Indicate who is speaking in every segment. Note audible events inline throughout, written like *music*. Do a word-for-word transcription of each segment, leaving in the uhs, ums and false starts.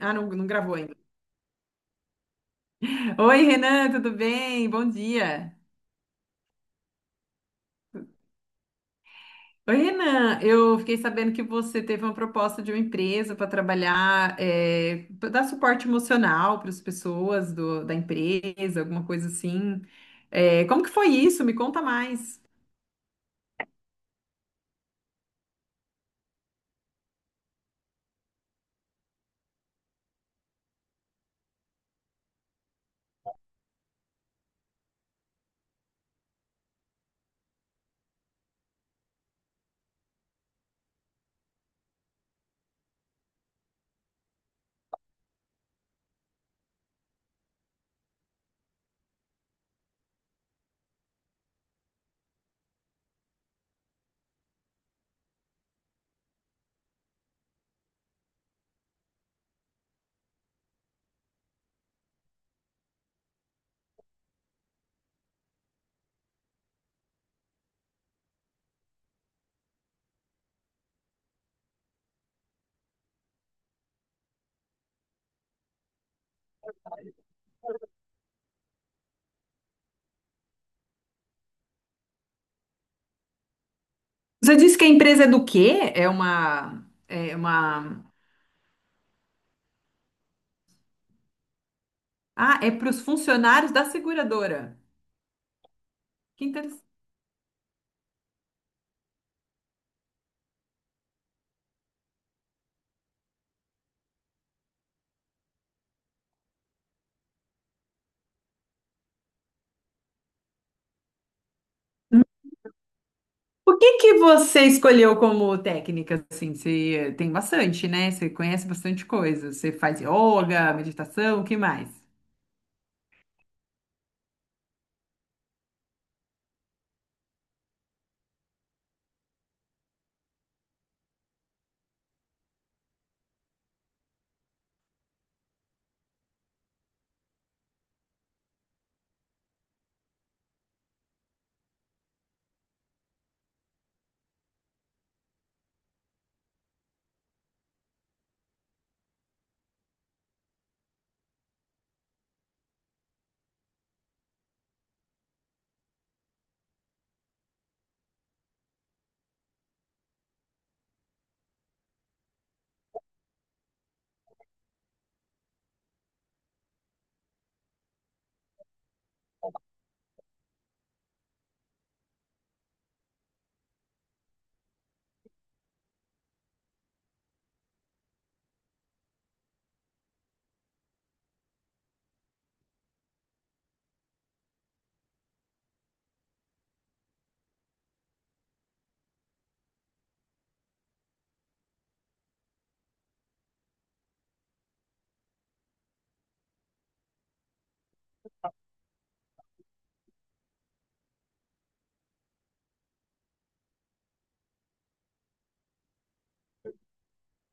Speaker 1: Ah, não, não gravou ainda. Oi, Renan, tudo bem? Bom dia. Oi, Renan, eu fiquei sabendo que você teve uma proposta de uma empresa para trabalhar, é, pra dar suporte emocional para as pessoas do- da empresa, alguma coisa assim. É, como que foi isso? Me conta mais. Você disse que a empresa é do quê? É uma, é uma... Ah, é para os funcionários da seguradora. Que O que que você escolheu como técnica, assim? Você tem bastante, né? Você conhece bastante coisa. Você faz yoga, meditação, o que mais?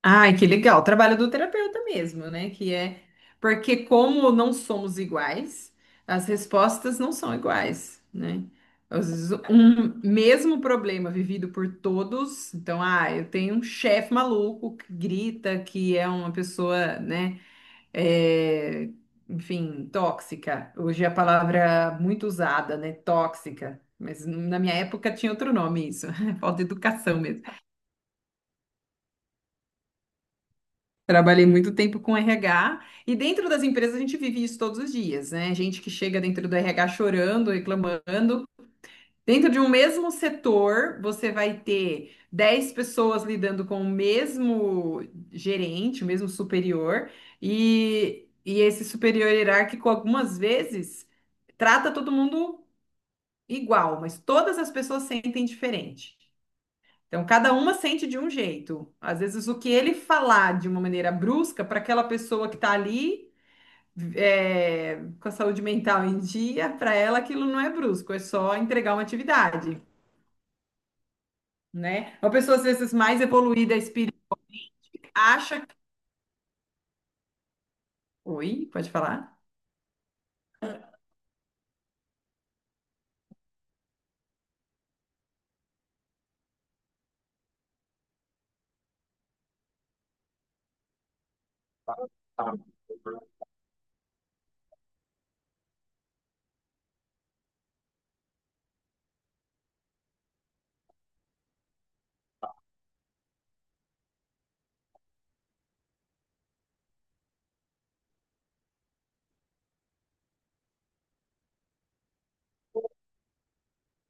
Speaker 1: Ai, que legal. O trabalho do terapeuta mesmo, né? Que é... Porque como não somos iguais, as respostas não são iguais, né? Às vezes, um mesmo problema vivido por todos. Então, ah, eu tenho um chefe maluco que grita, que é uma pessoa, né? é, enfim, tóxica. Hoje é a palavra é muito usada, né? Tóxica. Mas na minha época tinha outro nome isso, *laughs* falta de educação mesmo. Trabalhei muito tempo com R H e dentro das empresas a gente vive isso todos os dias, né? Gente que chega dentro do R H chorando, reclamando, dentro de um mesmo setor, você vai ter dez pessoas lidando com o mesmo gerente, o mesmo superior, e, e esse superior hierárquico, algumas vezes, trata todo mundo igual, mas todas as pessoas sentem diferente. Então, cada uma sente de um jeito. Às vezes, o que ele falar de uma maneira brusca, para aquela pessoa que está ali, é, com a saúde mental em dia, para ela aquilo não é brusco, é só entregar uma atividade. Né? Uma pessoa, às vezes, mais evoluída espírita acha que... Oi, pode falar?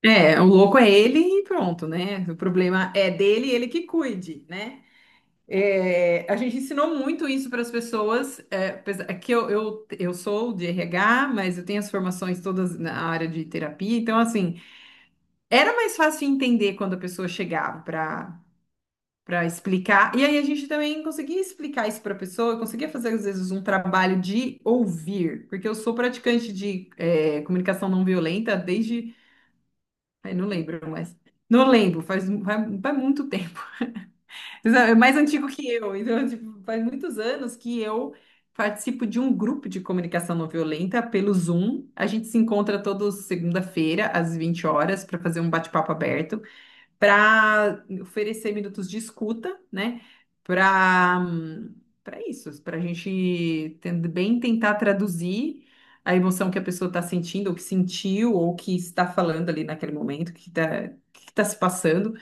Speaker 1: É, o louco é ele e pronto, né? O problema é dele, ele que cuide, né? É, a gente ensinou muito isso para as pessoas, é, apesar- é que eu, eu, eu sou de R H, mas eu tenho as formações todas na área de terapia, então, assim, era mais fácil entender quando a pessoa chegava para explicar. E aí a gente também conseguia explicar isso para a pessoa, eu conseguia fazer às vezes um trabalho de ouvir, porque eu sou praticante de eh, comunicação não violenta desde, ai, não lembro, mas não lembro, faz, faz, faz muito tempo. *laughs* Mas É é mais antigo que eu, então *laughs* tipo, faz muitos anos que eu participo de um grupo de comunicação não violenta pelo Zoom. A gente se encontra toda segunda-feira, às vinte horas, para fazer um bate-papo aberto para oferecer minutos de escuta, né? Para para isso, para a gente ten- bem tentar traduzir a emoção que a pessoa está sentindo, ou que sentiu, ou que está falando ali naquele momento, que está que está se passando,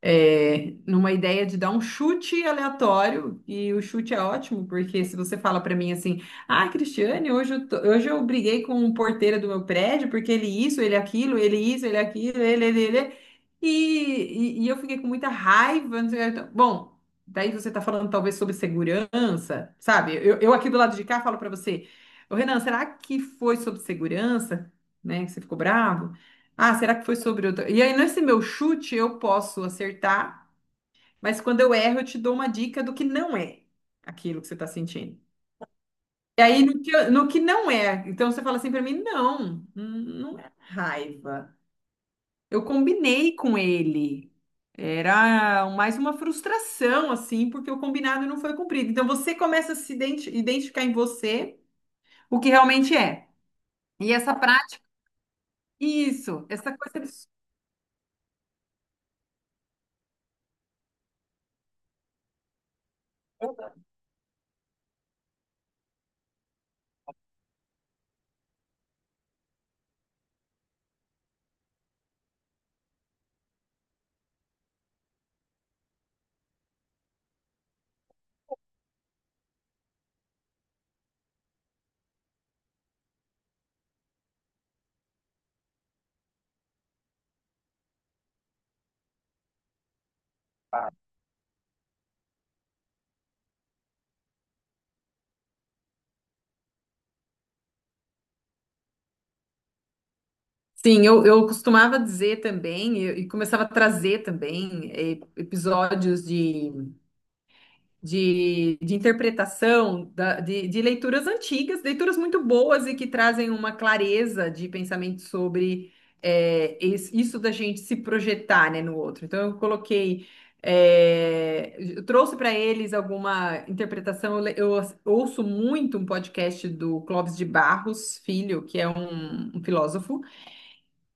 Speaker 1: é, numa ideia de dar um chute aleatório, e o chute é ótimo, porque se você fala para mim assim, ah, Cristiane, hoje eu, tô- hoje eu briguei com o porteiro do meu prédio, porque ele isso, ele aquilo, ele isso, ele aquilo, ele, ele, ele, e, e, e eu fiquei com muita raiva, não sei o que, então, bom, daí você tá falando talvez sobre segurança, sabe? Eu, eu aqui do lado de cá falo para você, ô Renan, será que foi sobre segurança, né, que você ficou bravo? Ah, será que foi sobre outra? E aí, nesse meu chute, eu posso acertar, mas quando eu erro, eu te dou uma dica do que não é aquilo que você está sentindo. E aí, no que, eu- no que não é, então você fala assim para mim: não, hum, não é raiva. Eu combinei com ele. Era mais uma frustração, assim, porque o combinado não foi cumprido. Então, você começa a se identi- identificar em você o que realmente é. E essa prática, isso, essa coisa. Sim, eu, eu costumava dizer também, e e começava a trazer também eh, episódios de, de, de interpretação, da- de, de leituras antigas, leituras muito boas e que trazem uma clareza de pensamento sobre eh, es- isso da gente se projetar, né, no outro. Então, eu coloquei, eh, eu trouxe para eles alguma interpretação. Eu, le- eu as- Ouço muito um podcast do Clóvis de Barros Filho, que é um um filósofo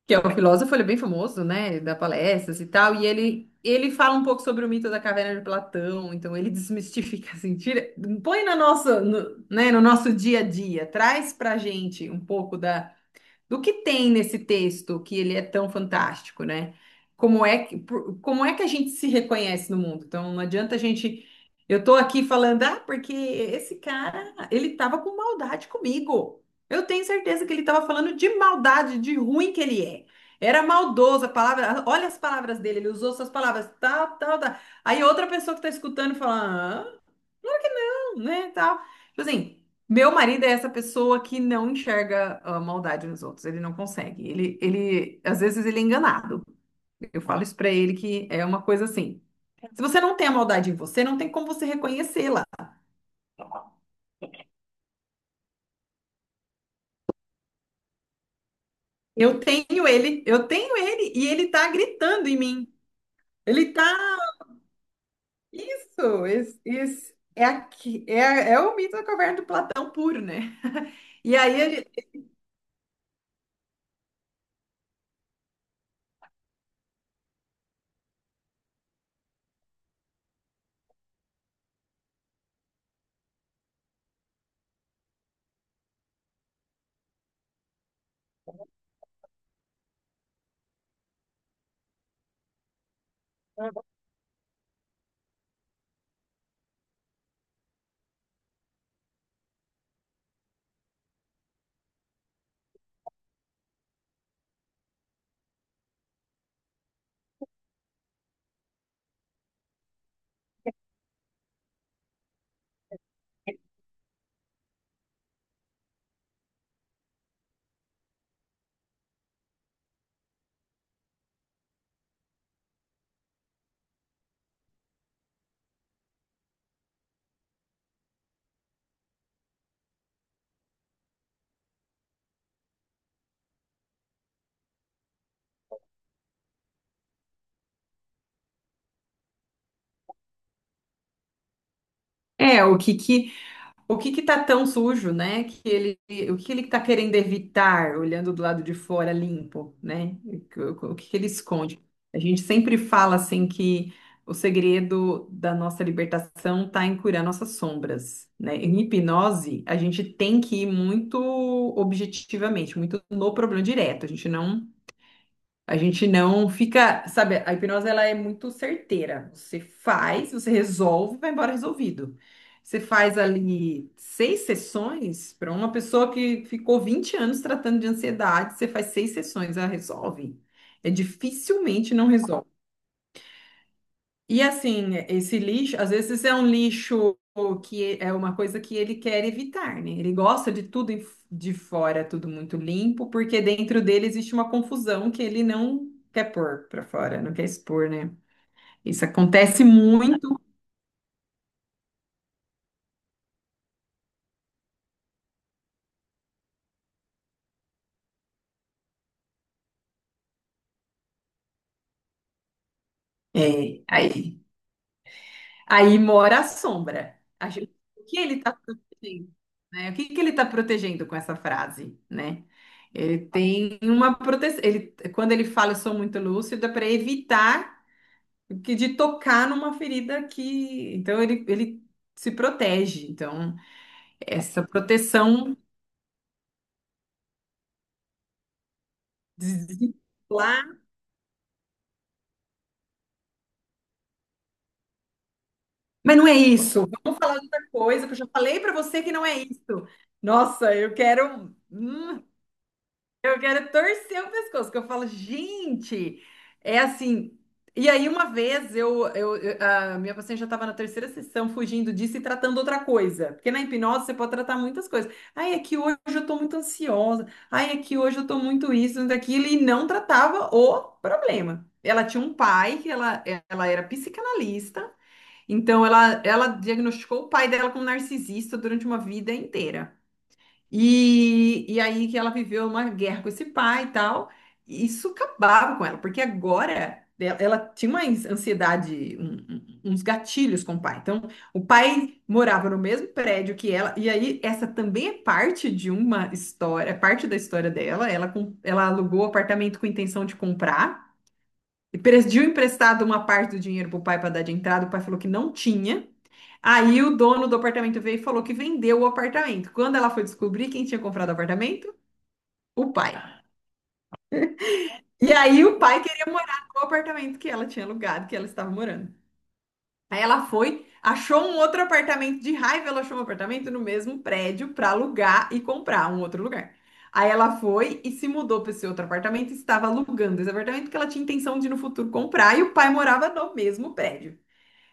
Speaker 1: que é um filósofo, ele é bem famoso, né, dá palestras e tal, e ele ele fala um pouco sobre o mito da caverna de Platão, então ele *laughs* desmistifica assim, tira, põe na nossa, no, né, no nosso dia a dia, traz pra gente um pouco da do que tem nesse texto que ele é tão fantástico, né? Como é que, por- como é que a gente se reconhece no mundo? Então, não adianta a gente. Eu tô aqui falando, ah, porque esse cara, ele tava com maldade comigo. Eu tenho certeza que ele tava falando de maldade, de ruim que ele é. Era maldoso a palavra. Olha as palavras dele, ele usou essas palavras, tal, tal, tal. Aí outra pessoa que tá escutando fala, ah, né, tal. Tipo assim, meu marido é essa pessoa que não enxerga a maldade nos outros, ele não consegue. Ele, ele, às vezes ele é enganado. Eu falo isso pra ele que é uma coisa assim. Se você não tem a maldade em você, não tem como você reconhecê-la. Eu tenho ele, eu tenho ele e ele tá gritando em mim. Ele tá isso, isso, isso. É, aqui, é, é o mito da caverna do Platão puro, né? E aí, ele- é, o que que O que que tá tão sujo, né? Que ele, o que ele tá querendo evitar, olhando do lado de fora limpo, né? O, o que que ele esconde? A gente sempre fala assim que o segredo da nossa libertação tá em curar nossas sombras, né? Em hipnose, a gente tem que ir muito objetivamente, muito no problema direto. A gente não a gente não fica, sabe, a hipnose ela é muito certeira. Você faz, você resolve, vai embora resolvido. Você faz ali seis sessões para uma pessoa que ficou vinte anos tratando de ansiedade, você faz seis sessões, ela resolve. É dificilmente não resolve. E assim, esse lixo, às vezes é um lixo que é uma coisa que ele quer evitar, né? Ele gosta de tudo em- de fora, tudo muito limpo, porque dentro dele existe uma confusão que ele não quer pôr para fora, não quer expor, né? Isso acontece muito. É, aí, aí mora a sombra. A gente- o que ele está protegendo, né? O que que ele está protegendo com essa frase, né? Ele tem uma proteção. Ele, quando ele fala, eu sou muito lúcido, é para evitar que de tocar numa ferida que. Então ele, ele se protege. Então, essa proteção lá. Mas não é isso. Vamos falar de outra coisa, que eu já falei pra você que não é isso. Nossa, eu quero. hum, Eu quero torcer o pescoço, que eu falo, gente, é assim. E aí, uma vez, eu, eu, eu- a minha paciente já estava na terceira sessão, fugindo disso e tratando outra coisa. Porque na hipnose você pode tratar muitas coisas. Ai, é que hoje eu estou muito ansiosa. Ai, é que hoje eu estou muito isso, muito aquilo. E não tratava o problema. Ela tinha um pai, que ela, ela era psicanalista. Então, ela, ela diagnosticou o pai dela como narcisista durante uma vida inteira. E, e aí que ela viveu uma guerra com esse pai e tal, e isso acabava com ela, porque agora ela, ela tinha uma ans- ansiedade, um- um- uns gatilhos com o pai. Então, o pai morava no mesmo prédio que ela, e aí essa também é parte de uma história, é parte da história dela. Ela, com- ela alugou o apartamento com intenção de comprar, e pediu emprestado uma parte do dinheiro pro pai para dar de entrada, o pai falou que não tinha. Aí o dono do apartamento veio e falou que vendeu o apartamento. Quando ela foi descobrir quem tinha comprado o apartamento? O pai. E aí o pai queria morar no apartamento que ela tinha alugado, que ela estava morando. Aí ela foi, achou um outro apartamento de raiva, ela achou um apartamento no mesmo prédio para alugar e comprar um outro lugar. Aí ela foi e se mudou para esse outro apartamento, e estava alugando esse apartamento que ela tinha intenção de no futuro comprar e o pai morava no mesmo prédio.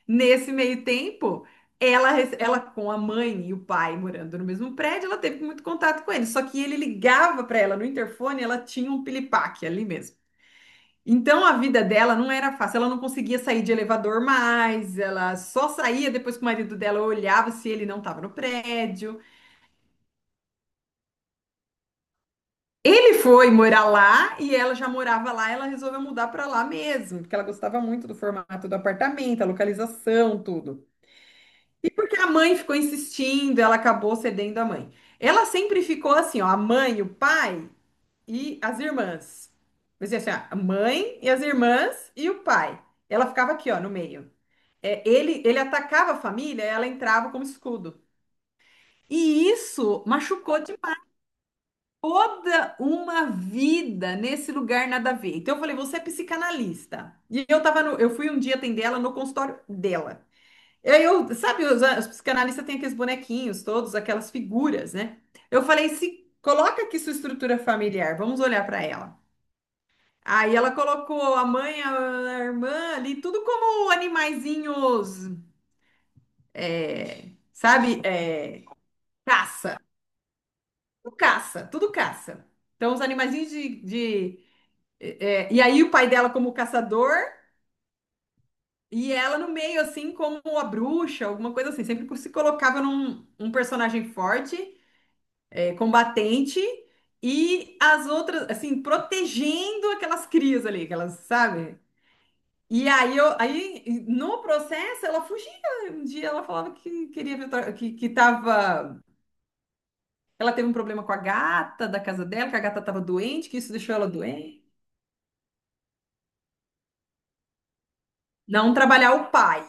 Speaker 1: Nesse meio tempo, ela, rece- ela com a mãe e o pai morando no mesmo prédio, ela teve muito contato com ele. Só que ele ligava para ela no interfone, ela tinha um pilipaque ali mesmo. Então a vida dela não era fácil, ela não conseguia sair de elevador mais, ela só saía depois que o marido dela olhava se ele não estava no prédio. Ele foi morar lá e ela já morava lá, ela resolveu mudar para lá mesmo, porque ela gostava muito do formato do apartamento, a localização, tudo. E porque a mãe ficou insistindo, ela acabou cedendo à mãe. Ela sempre ficou assim, ó, a mãe, o pai e as irmãs. Mas assim, ó, a mãe e as irmãs e o pai. Ela ficava aqui, ó, no meio. É, ele, ele atacava a família, ela entrava como escudo. E isso machucou demais toda uma vida nesse lugar nada a ver. Então eu falei, você é psicanalista. E eu tava no, eu fui um dia atender ela no consultório dela. E aí eu, sabe, os, os psicanalistas têm aqueles bonequinhos todos, aquelas figuras, né? Eu falei, se coloca aqui sua estrutura familiar, vamos olhar para ela. Aí ela colocou a mãe, a, irmã ali, tudo como animaizinhos, sabe? É, caça, tudo caça, tudo caça. Então os animaizinhos de, de- é, é, e aí o pai dela como caçador e ela no meio assim como a bruxa, alguma coisa assim. Sempre se colocava num um personagem forte, é, combatente, e as outras, assim, protegendo aquelas crias ali, aquelas, sabe? E aí, eu, aí no processo, ela fugia. Um dia ela falava que queria ver, que, que tava, ela teve um problema com a gata da casa dela, que a gata estava doente, que isso deixou ela doente. Não trabalhar o pai.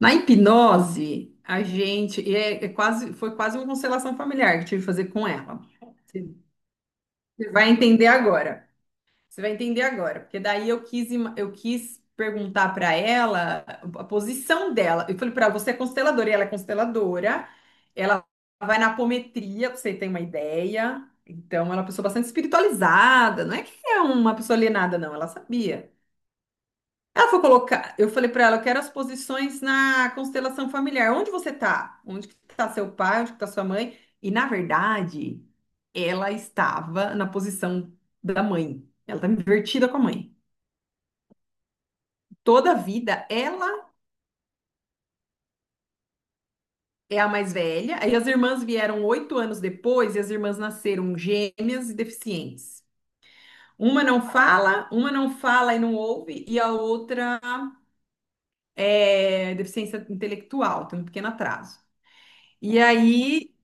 Speaker 1: Na hipnose, a gente, e é, é quase, foi quase uma constelação familiar que eu tive que fazer com ela. Você você vai entender agora. Você vai entender agora, porque daí eu quis, ima- eu quis perguntar para ela a posição dela. Eu falei para ela, você é consteladora, e ela é consteladora, ela vai na apometria, pra você ter uma ideia. Então, ela é uma pessoa bastante espiritualizada, não é que é uma pessoa alienada, não, ela sabia. Ela foi colocar, eu falei para ela, eu quero as posições na constelação familiar. Onde você tá? Onde que tá seu pai? Onde que tá sua mãe? E na verdade, ela estava na posição da mãe. Ela tá invertida com a mãe. Toda a vida ela é a mais velha, aí as irmãs vieram oito anos depois e as irmãs nasceram gêmeas e deficientes. Uma não fala, uma não fala e não ouve, e a outra é deficiência intelectual, tem um pequeno atraso. E aí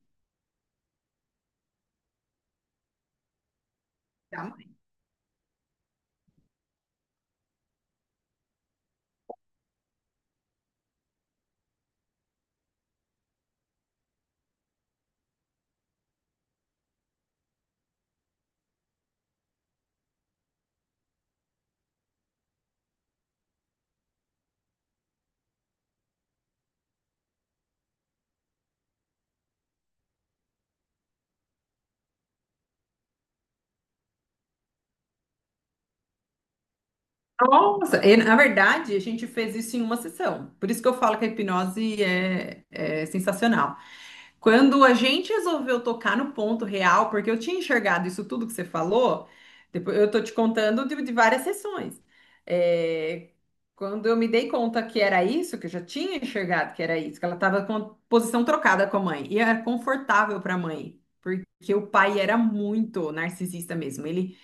Speaker 1: nossa, e, na verdade, a gente fez isso em uma sessão. Por isso que eu falo que a hipnose é, é sensacional. Quando a gente resolveu tocar no ponto real, porque eu tinha enxergado isso tudo que você falou, depois eu tô te contando de, de várias sessões. É, quando eu me dei conta que era isso, que eu já tinha enxergado que era isso, que ela estava com a posição trocada com a mãe, e era confortável para a mãe, porque o pai era muito narcisista mesmo. Ele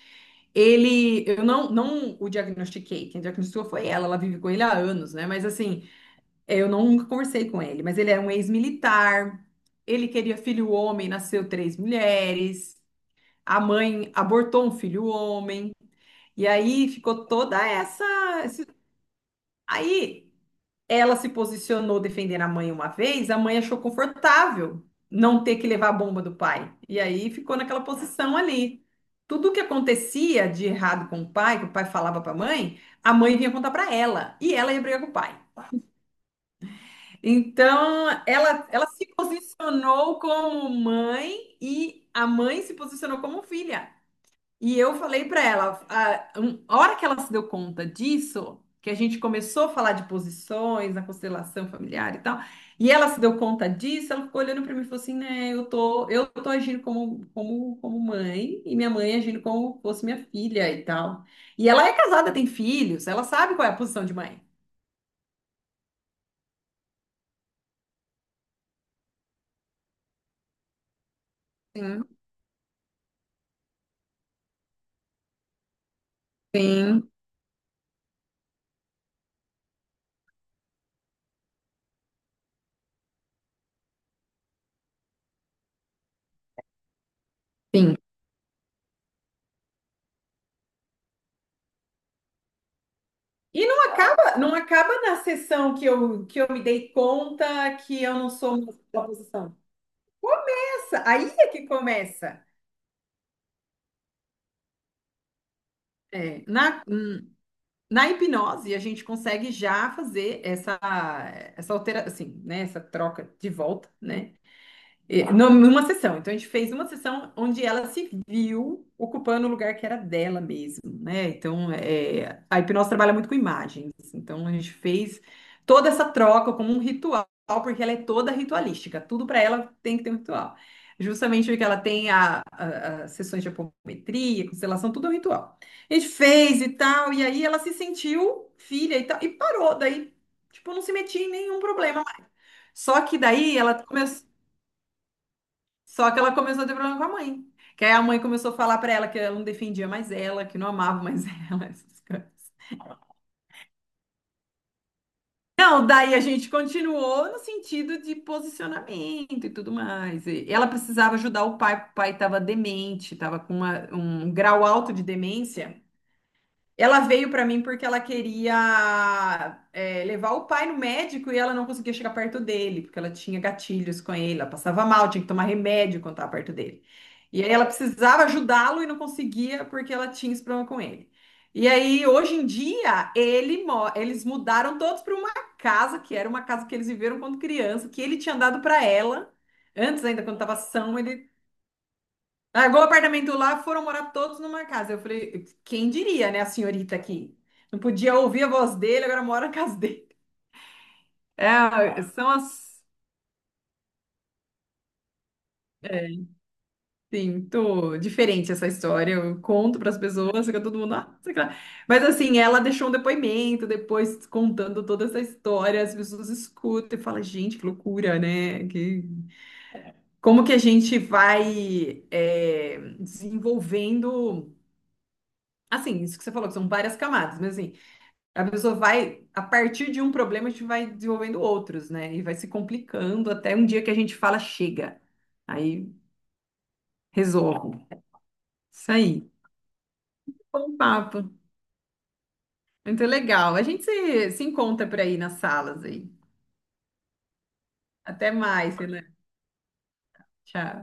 Speaker 1: ele, eu não, não o diagnostiquei, quem diagnosticou foi ela, ela vive com ele há anos, né? Mas assim, é, eu não conversei com ele, mas ele era um ex-militar, ele queria filho homem, nasceu três mulheres, a mãe abortou um filho homem, e aí ficou toda essa. esse- Aí ela se posicionou defendendo a mãe uma vez, a mãe achou confortável não ter que levar a bomba do pai. E aí ficou naquela posição ali. Tudo que acontecia de errado com o pai, que o pai falava para a mãe, a mãe vinha contar para ela, e ela ia brigar com o pai. Então, ela, ela se posicionou como mãe e a mãe se posicionou como filha. E eu falei para ela, a, um- a hora que ela se deu conta disso, que a gente começou a falar de posições na constelação familiar e tal, e ela se deu conta disso, ela ficou olhando para mim e falou assim, né, eu tô, eu tô agindo como, como, como mãe e minha mãe agindo como fosse minha filha e tal. E ela é casada, tem filhos, ela sabe qual é a posição de mãe. Sim, sim, sim. E não acaba, não acaba na sessão que eu, que eu me dei conta que eu não sou mais da posição. Começa, aí é que começa. É, na, na hipnose, a gente consegue já fazer essa, essa alteração, assim, né? Essa troca de volta, né? E- num- Numa sessão. Então, a gente fez uma sessão onde ela se viu ocupando o lugar que era dela mesmo, né? Então, é, a hipnose trabalha muito com imagens. Então, a gente fez toda essa troca como um ritual, porque ela é toda ritualística. Tudo para ela tem que ter um ritual. Justamente porque ela tem a, a- as sessões de apometria, constelação, tudo é um ritual. A gente fez e tal, e aí ela se sentiu filha e tal, e parou. Daí, tipo, não se metia em nenhum problema. Só que daí ela começou. Só que ela começou a ter problema com a mãe. Que aí a mãe começou a falar pra ela que ela não defendia mais ela, que não amava mais *laughs* ela, essas coisas. Não, daí a gente continuou no sentido de posicionamento e tudo mais. E ela precisava ajudar o pai, porque o pai estava demente, estava com uma- um grau alto de demência. Ela veio para mim porque ela queria é, levar o pai no médico e ela não conseguia chegar perto dele, porque ela tinha gatilhos com ele, ela passava mal, tinha que tomar remédio quando estava perto dele. E aí ela precisava ajudá-lo e não conseguia porque ela tinha esse problema com ele. E aí, hoje em dia, ele mo- eles mudaram todos para uma casa, que era uma casa que eles viveram quando criança, que ele tinha dado para ela, antes ainda, quando estava são, ele largou o apartamento lá, foram morar todos numa casa. Eu falei, quem diria, né, a senhorita aqui? Não podia ouvir a voz dele, agora mora na casa dele. É, são assim, muito diferente essa história. Eu conto para as pessoas, fica todo mundo, ah, sei lá. Mas assim, ela deixou um depoimento depois contando toda essa história, as pessoas escutam e falam, gente, que loucura, né? Que... Como que a gente vai é, desenvolvendo. Assim, isso que você falou, que são várias camadas, mas assim. A pessoa vai, a partir de um problema, a gente vai desenvolvendo outros, né? E vai se complicando até um dia que a gente fala, chega. Aí resolvo. Isso aí. Bom papo. Muito legal. A gente se, se encontra por aí nas salas aí. Até mais, Helena. Tchau.